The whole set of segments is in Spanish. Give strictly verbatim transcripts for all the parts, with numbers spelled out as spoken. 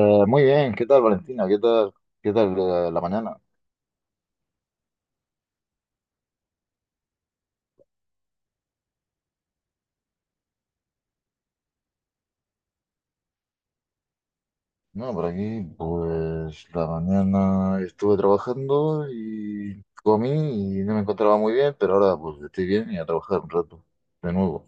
Eh, Muy bien, ¿qué tal, Valentina? ¿Qué tal, qué tal eh, la mañana? No, por aquí, pues la mañana estuve trabajando y comí y no me encontraba muy bien, pero ahora pues estoy bien y a trabajar un rato, de nuevo.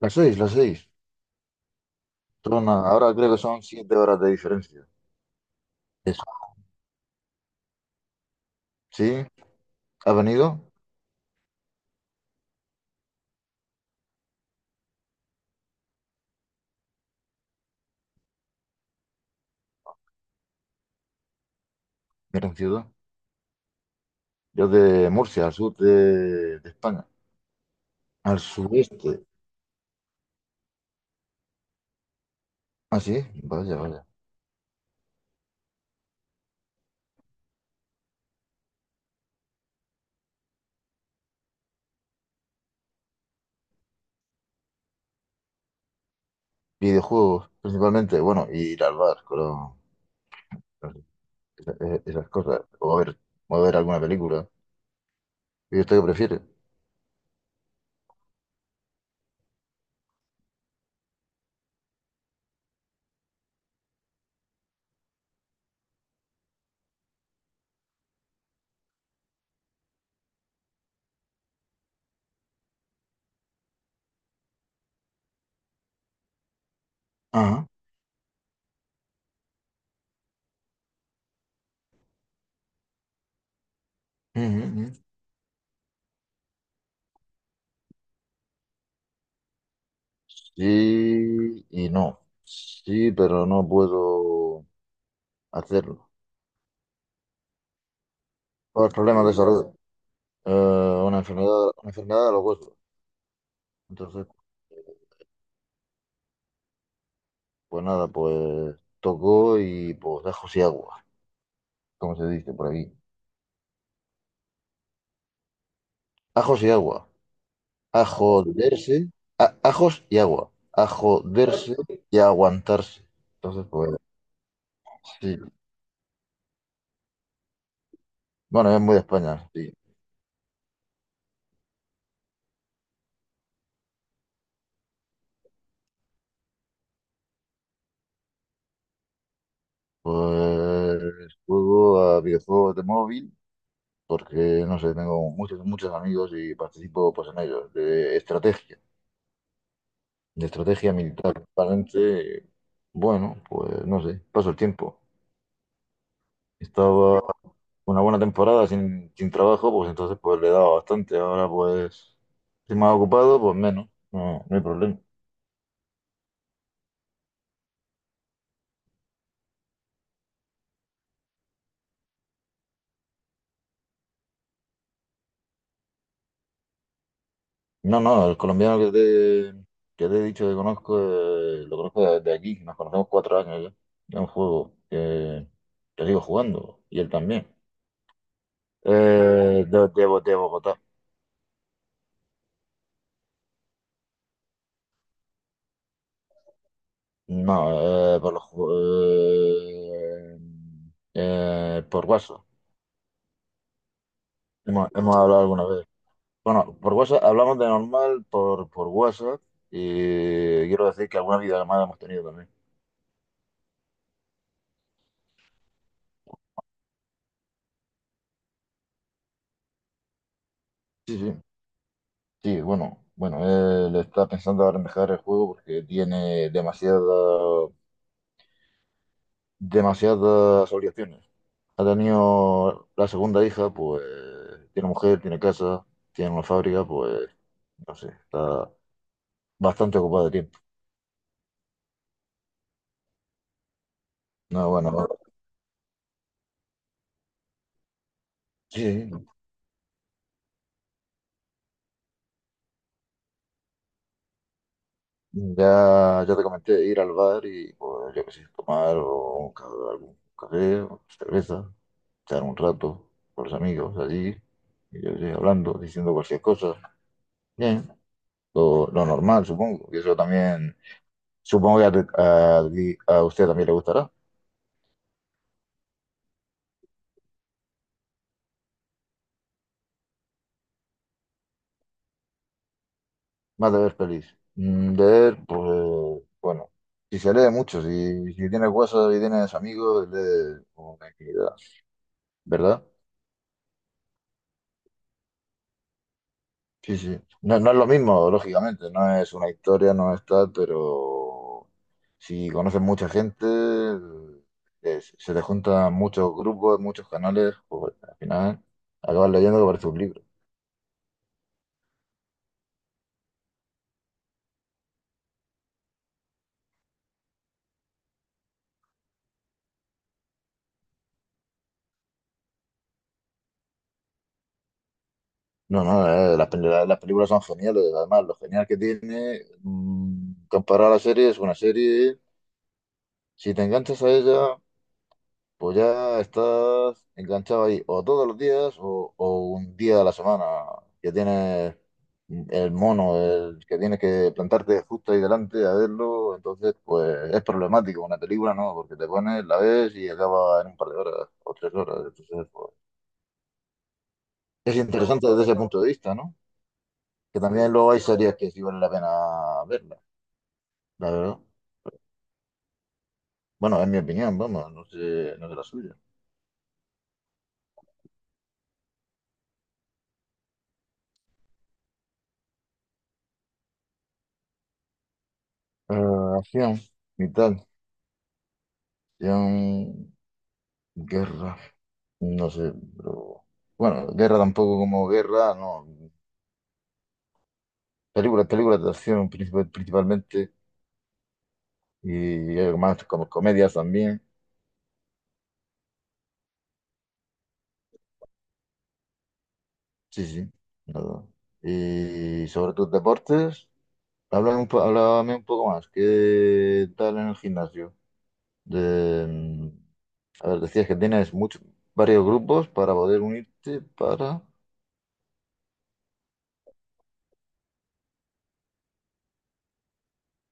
Las seis, las seis. Son, a- ahora creo que son siete horas de diferencia. Eso. Sí, ¿has venido? Gran ciudad. Yo de Murcia, al sur de, de España. Al sureste. Ah, sí, vaya, vaya. Videojuegos, principalmente, bueno, y ir al bar, claro. Eh, esas cosas. O a ver, o a ver alguna película. ¿Y usted qué prefiere? Ajá. Ujú, ujú. Sí y no. Sí, pero no puedo hacerlo. Por problemas de salud. Eh, una enfermedad, una enfermedad de los huesos. Entonces, pues nada, pues tocó y pues ajos y agua, como se dice por aquí. Ajos y agua. A joderse, a- ajos y agua. A joderse y a aguantarse. Entonces, pues sí. Bueno, es muy de España, sí. Pues juego a videojuegos de móvil porque, no sé, tengo muchos, muchos amigos y participo pues en ellos, de estrategia, de estrategia militar. Realmente, bueno, pues no sé, paso el tiempo. Estaba una buena temporada sin, sin trabajo, pues entonces pues le he dado bastante. Ahora pues, si más ocupado, pues menos, no, no hay problema. No, no, el colombiano que te, que te he dicho que conozco, eh, lo conozco desde aquí, nos conocemos cuatro años ya, es un juego que, que sigo jugando, y él también. Eh, de, de Bo- de Bogotá. No, eh, por los, ju- eh, eh, por WhatsApp. Hemos, hemos hablado alguna vez. Bueno, por WhatsApp hablamos de normal por, por WhatsApp y quiero decir que alguna videollamada hemos tenido también. Sí, sí. Sí, bueno, bueno, él está pensando ahora en dejar el juego porque tiene demasiada- demasiadas obligaciones. Ha tenido la segunda hija, pues tiene mujer, tiene casa, tiene una fábrica, pues no sé, está bastante ocupado de tiempo. No, bueno, sí, ya, ya te comenté, ir al bar y pues yo qué sé, tomar o un ca- algún café, o cerveza, echar un rato con los amigos allí, y yo qué sé, hablando, diciendo cualquier cosa. Bien. lo, lo normal, supongo. Y eso también, supongo que a, tu- a- ti- a usted también le gustará. Más de ver pelis. Mm, De ver, pues, bueno, si se lee mucho, si, si tienes huesos y tienes amigos, lee una infinidad, ¿verdad? Sí, sí. No, no es lo mismo, lógicamente, no es una historia, no es tal, pero si conoces mucha gente, eh, se te juntan muchos grupos, muchos canales, pues al final acabas leyendo que parece un libro. No, no, eh, las, pel- la- las películas son geniales. Además, lo genial que tiene mm, comparado a la serie es una serie. Si te enganchas a ella, pues ya estás enganchado ahí o todos los días o, o un día a la semana que tienes el mono, el que tienes que plantarte justo ahí delante a verlo. Entonces, pues es problemático. Una película no, porque te pones, la ves y acaba en un par de horas o tres horas. Entonces, pues, es No, interesante desde ese punto de vista, ¿no? Que también luego hay series que sí vale la pena verlas, la verdad. Bueno, es mi opinión, vamos, no sé, no sé la suya. Eh, Acción y tal. Acción, guerra, no sé, pero... Bueno, guerra tampoco como guerra, no. Películas, películas de acción princip- principalmente y hay más como comedias también. Sí, sí. No. Y sobre tus deportes, háblame un, po- háblame un poco más. ¿Qué tal en el gimnasio? De, a ver, decías que tienes muchos, varios grupos para poder unirte para...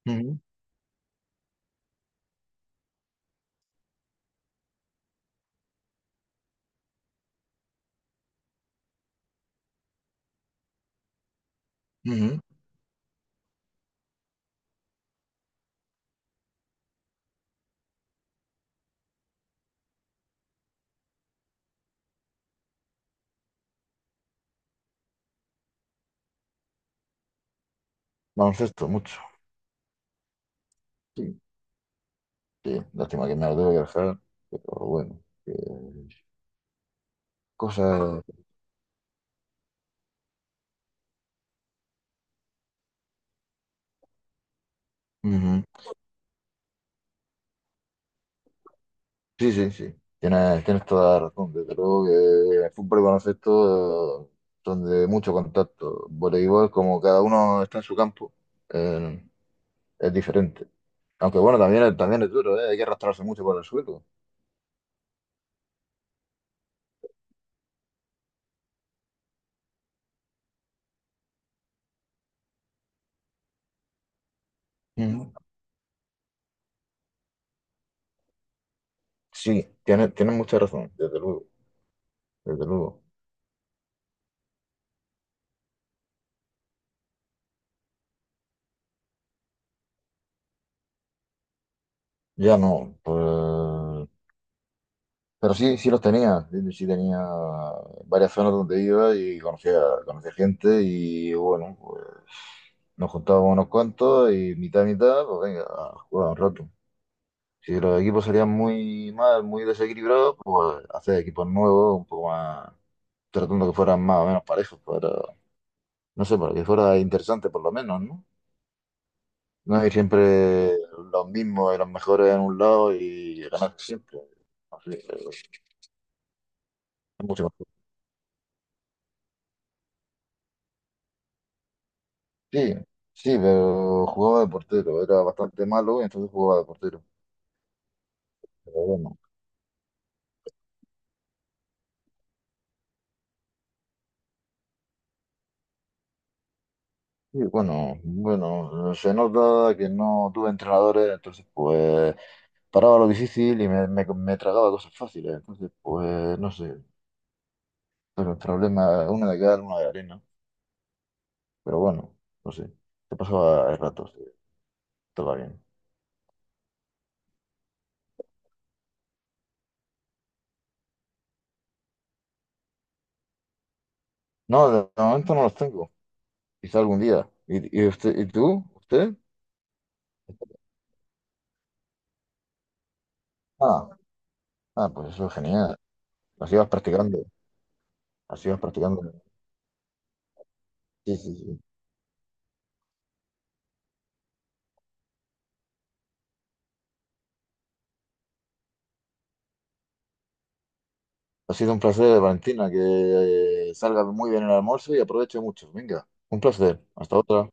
Ujú, ujú. Baloncesto, mucho. Sí, sí. Lástima que me lo tengo que dejar, pero bueno. Que cosas... Ujú. Sí, sí, sí. Tienes, tienes toda la razón. Desde luego que el fútbol y baloncesto eh, son de mucho contacto. Voleibol, como cada uno está en su campo, eh, es diferente. Aunque bueno, también, es- también es duro, ¿eh? Hay que arrastrarse mucho por el suelo. Ujú. Sí, tiene, tiene mucha razón, desde luego, desde luego. Ya no, pues, pero sí, sí los tenía, sí sí tenía varias zonas donde iba y conocía, conocía gente y bueno, pues nos juntábamos unos cuantos y mitad, mitad, pues venga, a jugar un rato. Si los equipos serían muy mal, muy desequilibrados, pues hacer equipos nuevos, un poco más, tratando que fueran más o menos parejos, para, no sé, para que fuera interesante por lo menos, ¿no? No, y siempre los mismos, y los mejores en un lado y ganar siempre. Así que, es mucho mejor. Sí, sí, pero jugaba de portero, era bastante malo y entonces jugaba de portero. Pero bueno, sí, bueno, bueno, se nota que no tuve entrenadores, entonces pues paraba lo difícil y me, me, me tragaba cosas fáciles. Entonces, pues no sé, pero el problema, una de cal, una de arena. Pero bueno, no sé, se pasaba el rato, sí, todo va bien. No, de momento no los tengo. Quizá algún día. ¿Y, y usted, y tú? ¿Usted? Ah, ah, pues eso es genial. Así vas practicando. Así vas practicando. Sí, sí, sí. Ha sido un placer, Valentina, que eh, salga muy bien el almuerzo y aproveche mucho. Venga, un placer. Hasta otra.